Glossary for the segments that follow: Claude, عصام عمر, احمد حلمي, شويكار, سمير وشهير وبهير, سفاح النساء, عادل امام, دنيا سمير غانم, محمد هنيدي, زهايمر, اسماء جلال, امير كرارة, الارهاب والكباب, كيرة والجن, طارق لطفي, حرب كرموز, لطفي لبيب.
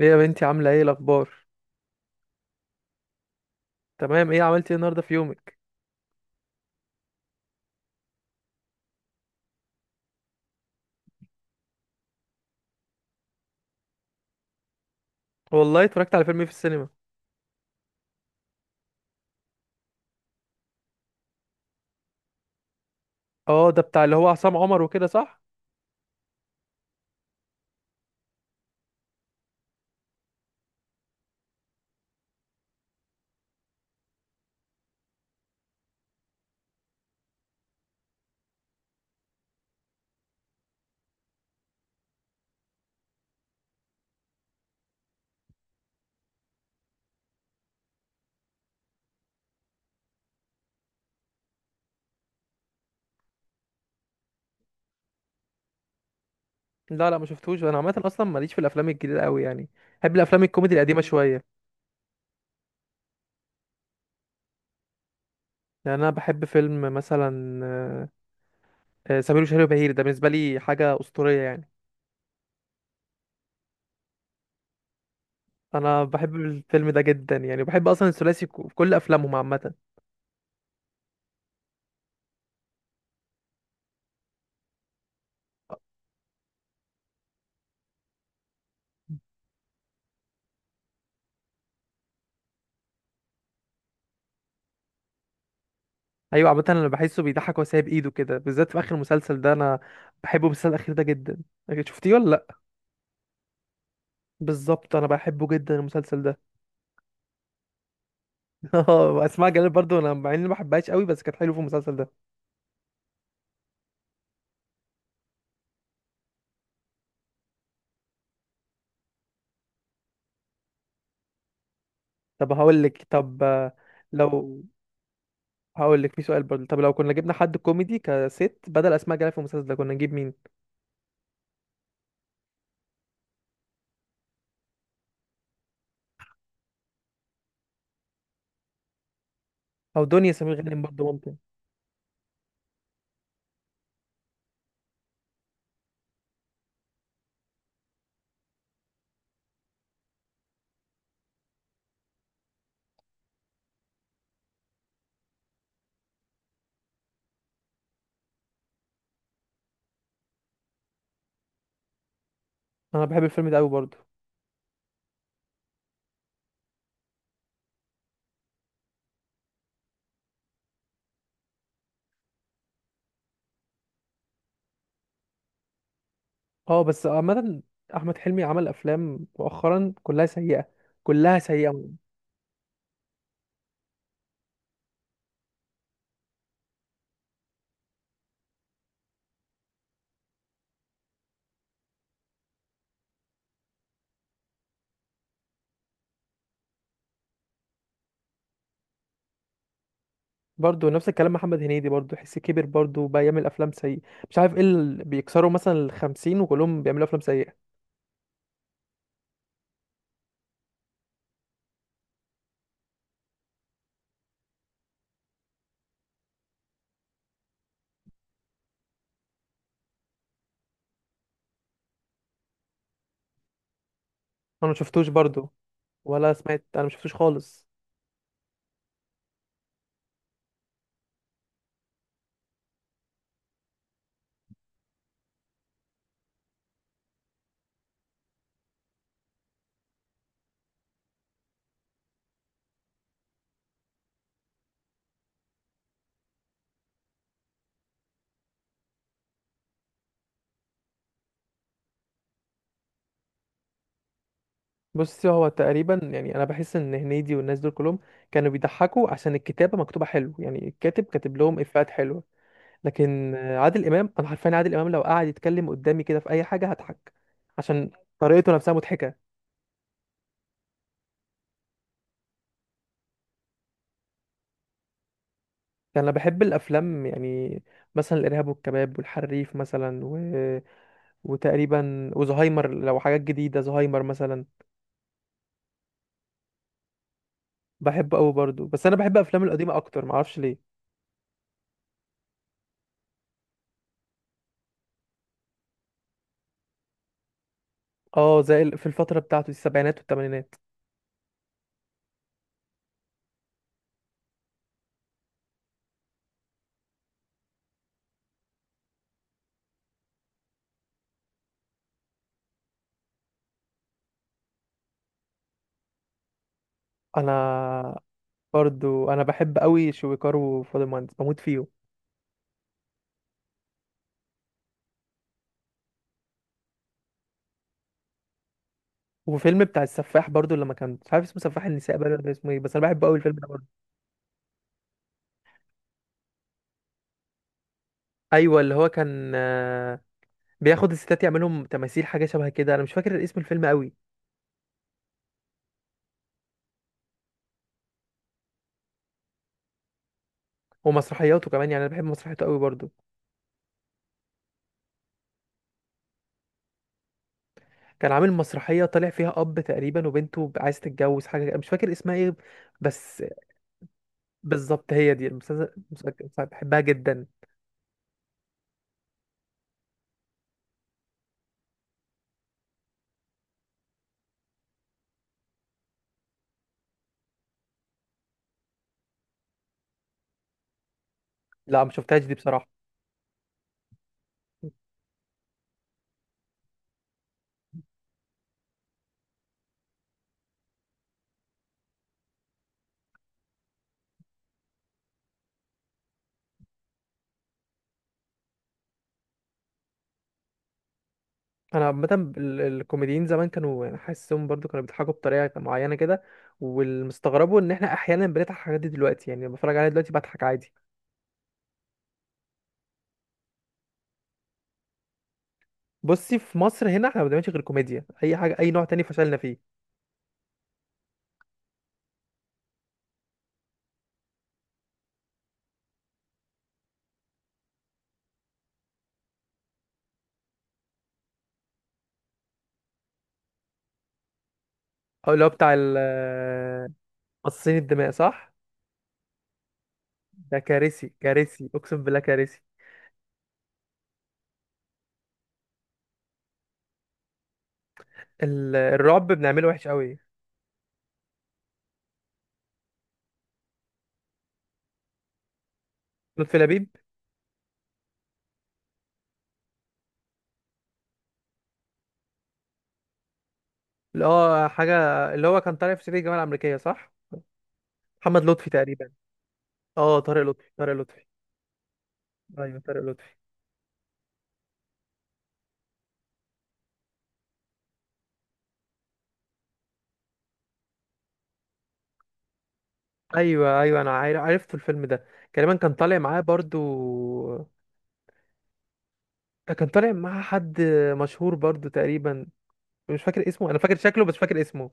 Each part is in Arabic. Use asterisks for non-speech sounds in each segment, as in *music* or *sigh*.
ايه يا بنتي عاملة ايه الأخبار؟ تمام، ايه عملتي ايه النهاردة في يومك؟ والله اتفرجت على فيلم ايه في السينما؟ اه، ده بتاع اللي هو عصام عمر وكده صح؟ لا لا ما شفتوش. انا عامة اصلا ماليش في الافلام الجديدة قوي يعني، بحب الافلام الكوميدي القديمة شوية. يعني انا بحب فيلم مثلا سمير وشهير وبهير، ده بالنسبة لي حاجة أسطورية يعني. انا بحب الفيلم ده جدا، يعني بحب اصلا الثلاثي في كل افلامهم عامة. ايوه عامة انا بحسه بيضحك وهو سايب ايده كده، بالذات في اخر مسلسل ده. انا بحب المسلسل الاخير ده جدا، شفتيه ولا؟ بالظبط، انا بحبه جدا المسلسل ده. *laughs* اه اسماء جلال برضو، انا مع اني ما بحبهاش قوي بس كانت حلوه في المسلسل ده. طب هقول لك، طب لو هقول لك في سؤال برضو، طب لو كنا جبنا حد كوميدي كست بدل اسماء جلال في المسلسل ده كنا نجيب مين؟ او دنيا سمير غانم برضو ممكن. انا بحب الفيلم ده قوي برضو. اه بس عامه احمد حلمي عمل افلام مؤخرا كلها سيئه، كلها سيئه. برضو نفس الكلام محمد هنيدي، برضو حس كبر برضو بقى يعمل افلام سيئه. مش عارف ايه اللي بيكسروا مثلا الخمسين وكلهم بيعملوا افلام سيئه. انا مشفتوش برضو، ولا سمعت، انا مشفتوش خالص. بصي هو تقريبا، يعني انا بحس ان هنيدي والناس دول كلهم كانوا بيضحكوا عشان الكتابه مكتوبه حلو، يعني الكاتب كاتب لهم افيهات حلوه. لكن عادل امام، انا حرفيا عادل امام لو قعد يتكلم قدامي كده في اي حاجه هضحك، عشان طريقته نفسها مضحكه. يعني انا بحب الافلام يعني مثلا الارهاب والكباب والحريف مثلا وتقريبا وزهايمر، لو حاجات جديده زهايمر مثلا. بحبه قوي برضو، بس انا بحب افلام القديمه اكتر، معرفش ليه. اه زي في الفترة بتاعته دي السبعينات والثمانينات. انا برضو انا بحب قوي شويكار وفاضل مهندس، بموت فيه. وفيلم بتاع السفاح برضو، لما كان مش عارف اسمه سفاح النساء بقى ولا اسمه ايه، بس انا بحب قوي الفيلم ده برضو. ايوه اللي هو كان بياخد الستات يعملهم تماثيل، حاجه شبه كده، انا مش فاكر اسم الفيلم قوي. ومسرحياته كمان، يعني انا بحب مسرحياته قوي برضو. كان عامل مسرحيه طالع فيها اب تقريبا وبنته عايز تتجوز، حاجه كده، مش فاكر اسمها ايه بس. بالظبط هي دي بحبها جدا. لا ما شفتهاش دي بصراحه. انا عامه الكوميديين زمان كانوا يعني، حاسسهم برضو كانوا بيضحكوا بطريقه معينه كده. والمستغربه ان احنا احيانا بنضحك على الحاجات دي دلوقتي، يعني لما بتفرج عليها دلوقتي بضحك عادي. بصي في مصر هنا احنا ما بنعملش غير كوميديا، اي حاجه اي نوع تاني فشلنا فيه. او اللي هو بتاع مصاصين الدماء، صح؟ ده كارثي، كارثي اقسم بالله كارثي. الرعب بنعمله وحش قوي. لطفي لبيب، اللي هو حاجة، اللي هو كان طالع في صعيدي في الجامعة الأمريكية صح؟ محمد لطفي تقريبا. اه طارق لطفي، طارق لطفي. ايوه طارق لطفي. ايوه ايوه، انا عارف عرفت الفيلم ده، تقريبا كان طالع معاه برضو. كان طالع معاه حد مشهور برضو تقريبا، مش فاكر اسمه، انا فاكر شكله بس مش فاكر اسمه.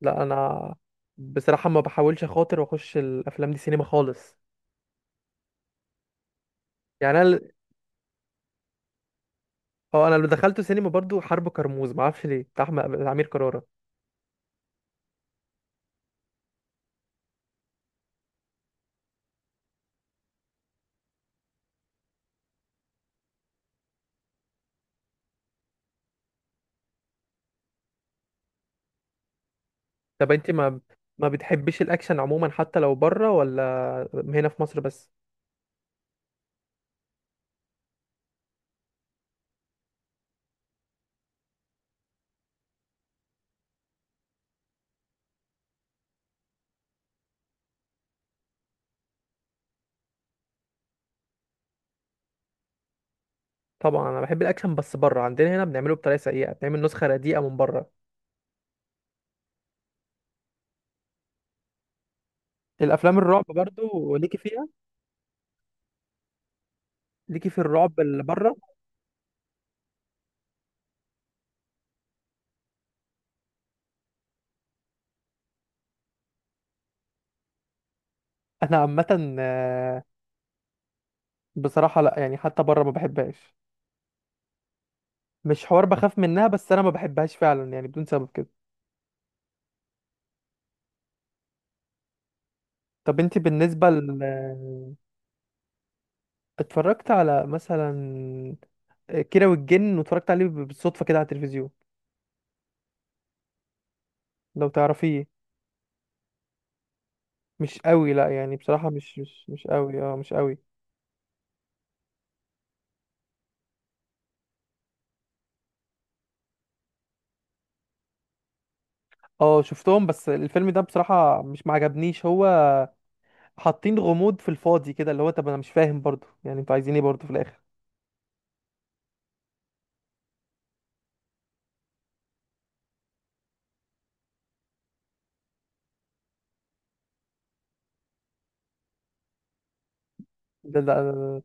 لا انا بصراحة ما بحاولش اخاطر واخش الافلام دي سينما خالص. يعني انا اه انا اللي دخلته سينما برضو حرب كرموز، ما اعرفش ليه، بتاع بتاع امير كرارة. طب انت ما بتحبيش الاكشن عموما حتى لو بره، ولا هنا في مصر بس؟ طبعا انا بحب الاكشن، بس بره. عندنا هنا بنعمله بطريقه سيئه، بنعمل نسخه رديئه من بره. الافلام الرعب برضو ليكي فيها؟ ليكي في الرعب اللي بره؟ انا عامه بصراحه لا، يعني حتى بره ما بحبهاش، مش حوار بخاف منها، بس انا ما بحبهاش فعلا يعني بدون سبب كده. طب انت بالنسبه ل، اتفرجت على مثلا كيرة والجن، واتفرجت عليه بالصدفه كده على التلفزيون، لو تعرفيه. مش قوي، لا يعني بصراحة مش قوي، اه مش قوي. اه شفتهم، بس الفيلم ده بصراحة مش معجبنيش، هو حاطين غموض في الفاضي كده، اللي هو طب انا مش فاهم برضو، يعني انتوا عايزين ايه برضو في الاخر؟ ده ده ده,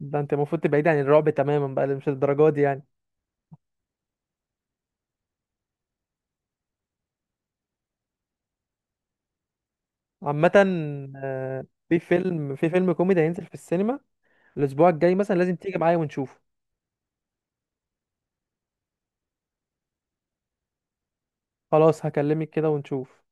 ده انت المفروض تبعد عن الرعب تماما بقى، اللي مش الدرجات دي يعني. عامة في فيلم، في فيلم كوميدي هينزل في السينما الاسبوع الجاي مثلا، لازم تيجي معايا ونشوفه. خلاص هكلمك كده ونشوف.